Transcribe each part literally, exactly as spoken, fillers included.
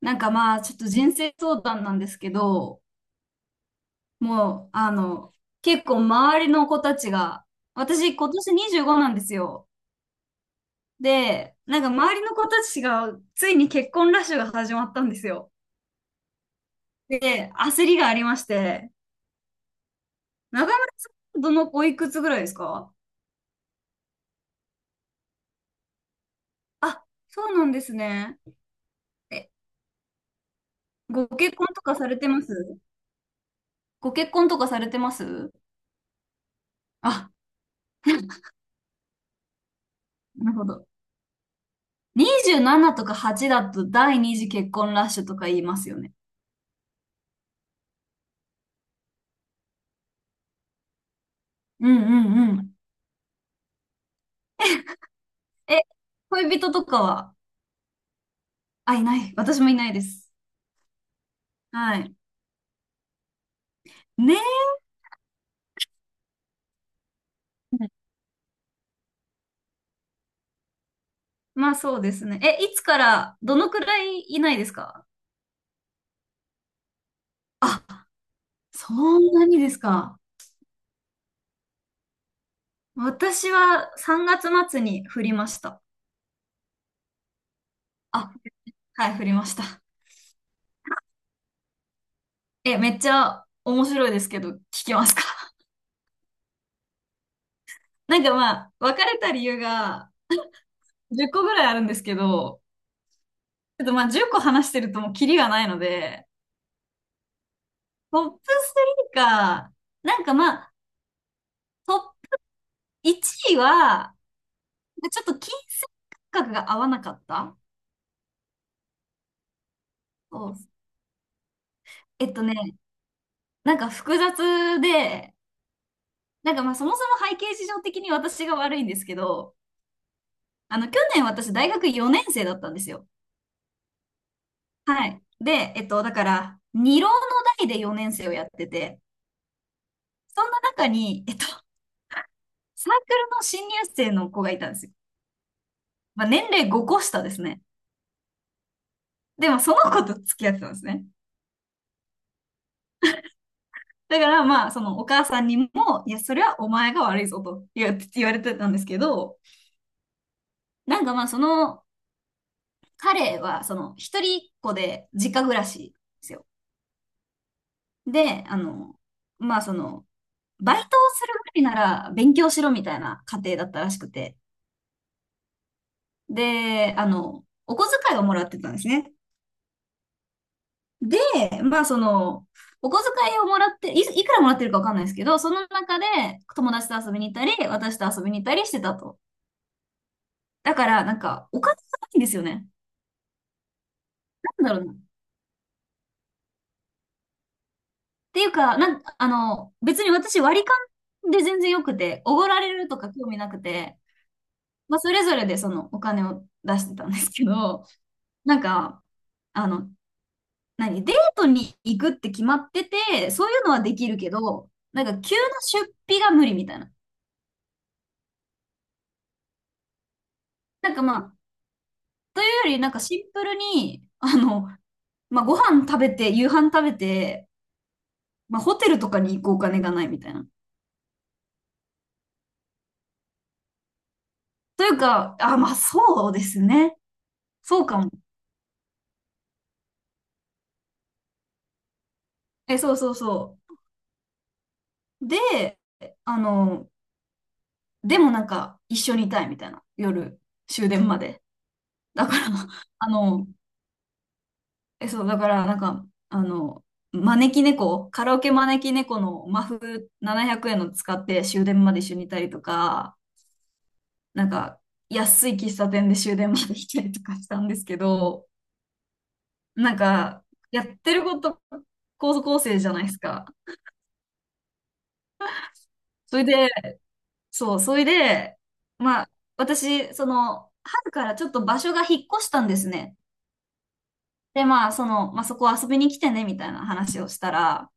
なんかまあ、ちょっと人生相談なんですけど、もう、あの、結構周りの子たちが、私今年にじゅうごなんですよ。で、なんか周りの子たちが、ついに結婚ラッシュが始まったんですよ。で、焦りがありまして、中村さん、どのおいくつぐらいですか？あ、そうなんですね。え、ご結婚とかされてますご結婚とかされてますあ、なるほど。にじゅうななとかはちだと第二次結婚ラッシュとか言いますよね。うんうんうん。え、恋人とかは、あ、いない。私もいないです。はい。ねえ。まあそうですね。え、いつから、どのくらいいないですか？あ、そんなにですか。私はさんがつ末に振りました。あ、はい、振りました。え、めっちゃ面白いですけど、聞きますか？ なんかまあ、別れた理由がじゅっこぐらいあるんですけど、ちょっとまあじゅっこ話してるともうキリがないので、トップスリーか、なんかまあ、トッいちいは、ちょっと金銭感覚が合わなかった。そう。えっとね、なんか複雑で、なんかまあそもそも背景事情的に私が悪いんですけど、あの、去年私大学よねん生だったんですよ。はい。で、えっと、だから、二浪の代でよねん生をやってて、そんな中に、えっと、サークルの新入生の子がいたんですよ。まあ年齢ごこ下ですね。でもその子と付き合ってたんですね。だからまあ、そのお母さんにも、いや、それはお前が悪いぞと言わ言われてたんですけど、なんかまあ、その彼は、その一人っ子で実家暮らしですよ。で、あの、まあその、バイトをするぐらいなら勉強しろみたいな家庭だったらしくて。で、あの、お小遣いをもらってたんですね。で、まあその、お小遣いをもらって、い、いくらもらってるかわかんないですけど、その中で友達と遊びに行ったり、私と遊びに行ったりしてたと。だから、なんか、お金がないんですよね。なんだろうな。っていうか、なん、あの、別に私割り勘で全然よくて、おごられるとか興味なくて、まあ、それぞれでそのお金を出してたんですけど、なんか、あの、何、デートに行くって決まってて、そういうのはできるけど、なんか急な出費が無理みたいな。なんかまあ、というより、なんかシンプルに、あの、まあ、ご飯食べて、夕飯食べて、まあ、ホテルとかに行くお金がないみたいな。というか、あ、まあそうですね。そうかも。え、そうそうそう。で、あの、でもなんか一緒にいたいみたいな。夜、終電まで。だから、あの、え、そう、だからなんか、あの、招き猫、カラオケ招き猫のマフななひゃくえんの使って終電まで一緒にいたりとか、なんか安い喫茶店で終電まで来たりとかしたんですけど、なんかやってること高校生じゃないですか。それで、そう、それで、まあ、私、その、春からちょっと場所が引っ越したんですね。で、まあ、その、まあ、そこ遊びに来てね、みたいな話をしたら、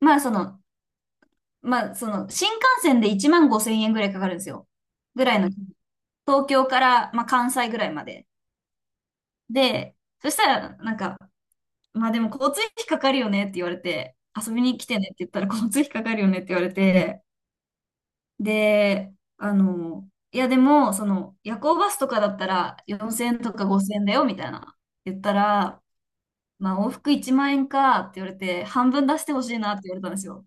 まあ、その、まあ、その、新幹線でいちまんごせん円ぐらいかかるんですよ。ぐらいの、東京から、まあ、関西ぐらいまで。で、そしたら、なんか、まあ、でも交通費かかるよねって言われて、遊びに来てねって言ったら交通費かかるよねって言われて、で、あの、いやでも、その、夜行バスとかだったらよんせんえんとかごせんえんだよみたいな言ったら、まあ往復いちまん円かって言われて、半分出してほしいなって言われたんですよ。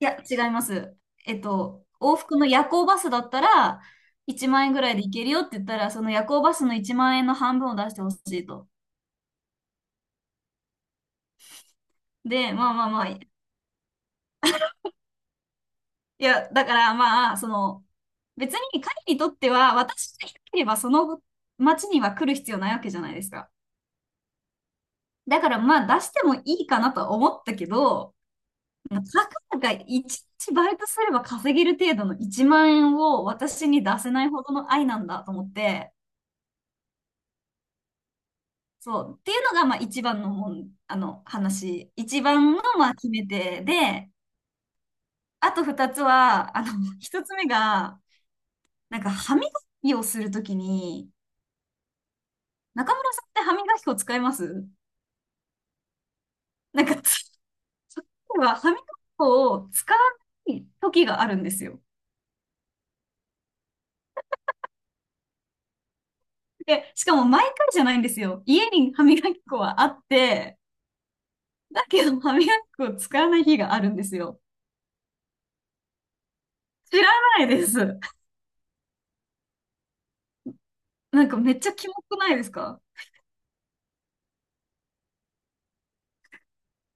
いや、違います。えっと、往復の夜行バスだったらいちまん円ぐらいで行けるよって言ったら、その夜行バスのいちまん円の半分を出してほしいと。で、まあまあまあ、いや、だからまあ、その、別に彼にとっては、私がいなければその町には来る必要ないわけじゃないですか。だからまあ出してもいいかなとは思ったけど、たかがいちにちバイトすれば稼げる程度のいちまん円を私に出せないほどの愛なんだと思って、そう。っていうのがまあ一番のもん、あの話。一番のまあ決め手で、あと二つは、あの、一つ目が、なんか歯磨きをするときに、中村さんって歯磨き粉使いますなんかつ、そこは歯磨き粉を使わない時があるんですよ。で、しかも毎回じゃないんですよ。家に歯磨き粉はあって、だけど歯磨き粉を使わない日があるんですよ。知らないです。なんかめっちゃキモくないですか？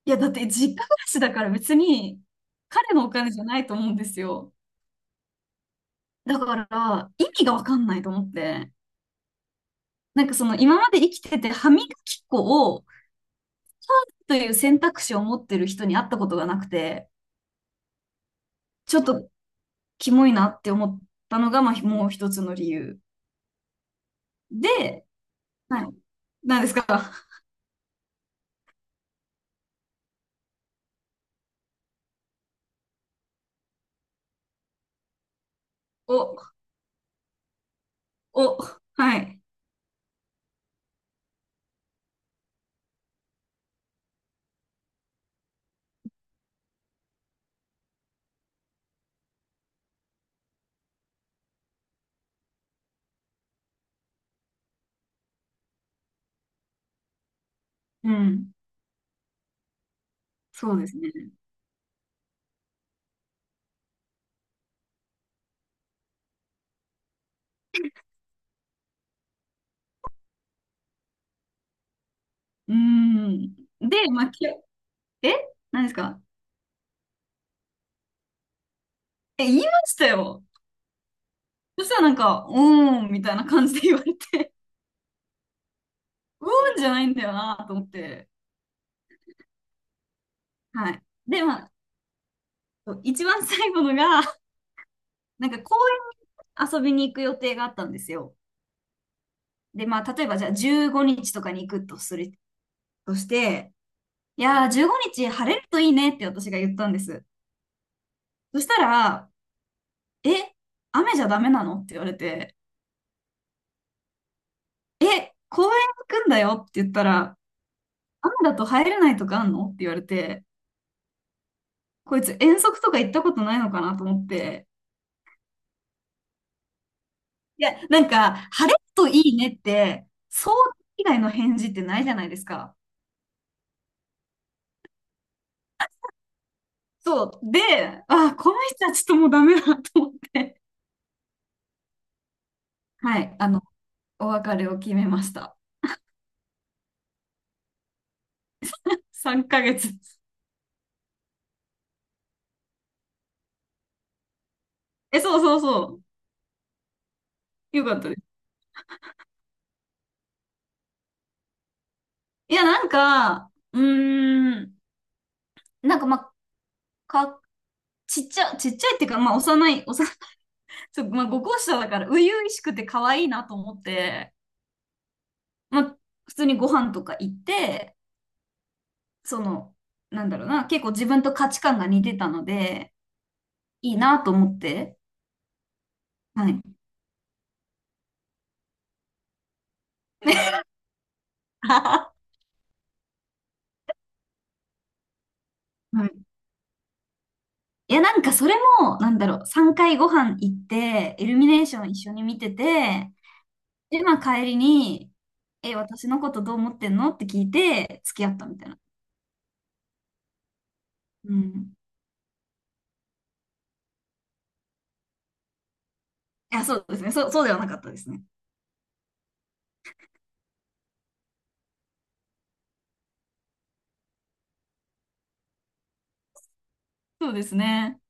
いや、だって実家暮らしだから別に彼のお金じゃないと思うんですよ。だから意味がわかんないと思って。なんかその今まで生きてて歯磨き粉をという選択肢を持ってる人に会ったことがなくて、ちょっとキモいなって思ったのが、まあ、もう一つの理由。で、はい。なんですか？お、お、はい。うん。そうですね。うん。で、まあ、き、え何ですか？え、言いましたよ。そしたらなんか、うーん、みたいな感じで言われて、うーんじゃないんだよなと思って。はい。で、まあ、そう一番最後のが、なんか公園に遊びに行く予定があったんですよ。で、まあ、例えばじゃあじゅうごにちとかに行くとする、として、いやー、じゅうごにち晴れるといいねって私が言ったんです。そしたら、え、雨じゃダメなのって言われて、え、公園行くんだよって言ったら、雨だと入れないとかあんのって言われて、こいつ遠足とか行ったことないのかなと思って。いや、なんか、晴れるといいねって、そう以外の返事ってないじゃないですか。そう。で、あ、この人はちょっともうダメだなと思って。はい、あの、お別れを決めました。さんかげつ。え、そうそうそう。よかったです。いや、なんか、うーん、なんかまあ、か、ちっちゃ、ちっちゃいっていうか、まあ、幼い、幼いそう、まあ、ご校舎だから、初々しくて可愛いなと思って、まあ、普通にご飯とか行って、その、なんだろうな、結構自分と価値観が似てたので、いいなと思って、はい。はい。いや、なんかそれも、なんだろう、さんかいご飯行って、イルミネーション一緒に見てて、で、まあ帰りに、え、私のことどう思ってんのって聞いて、付き合ったみたいな。うん。いや、そうですね。そう、そうではなかったですね。そうですね。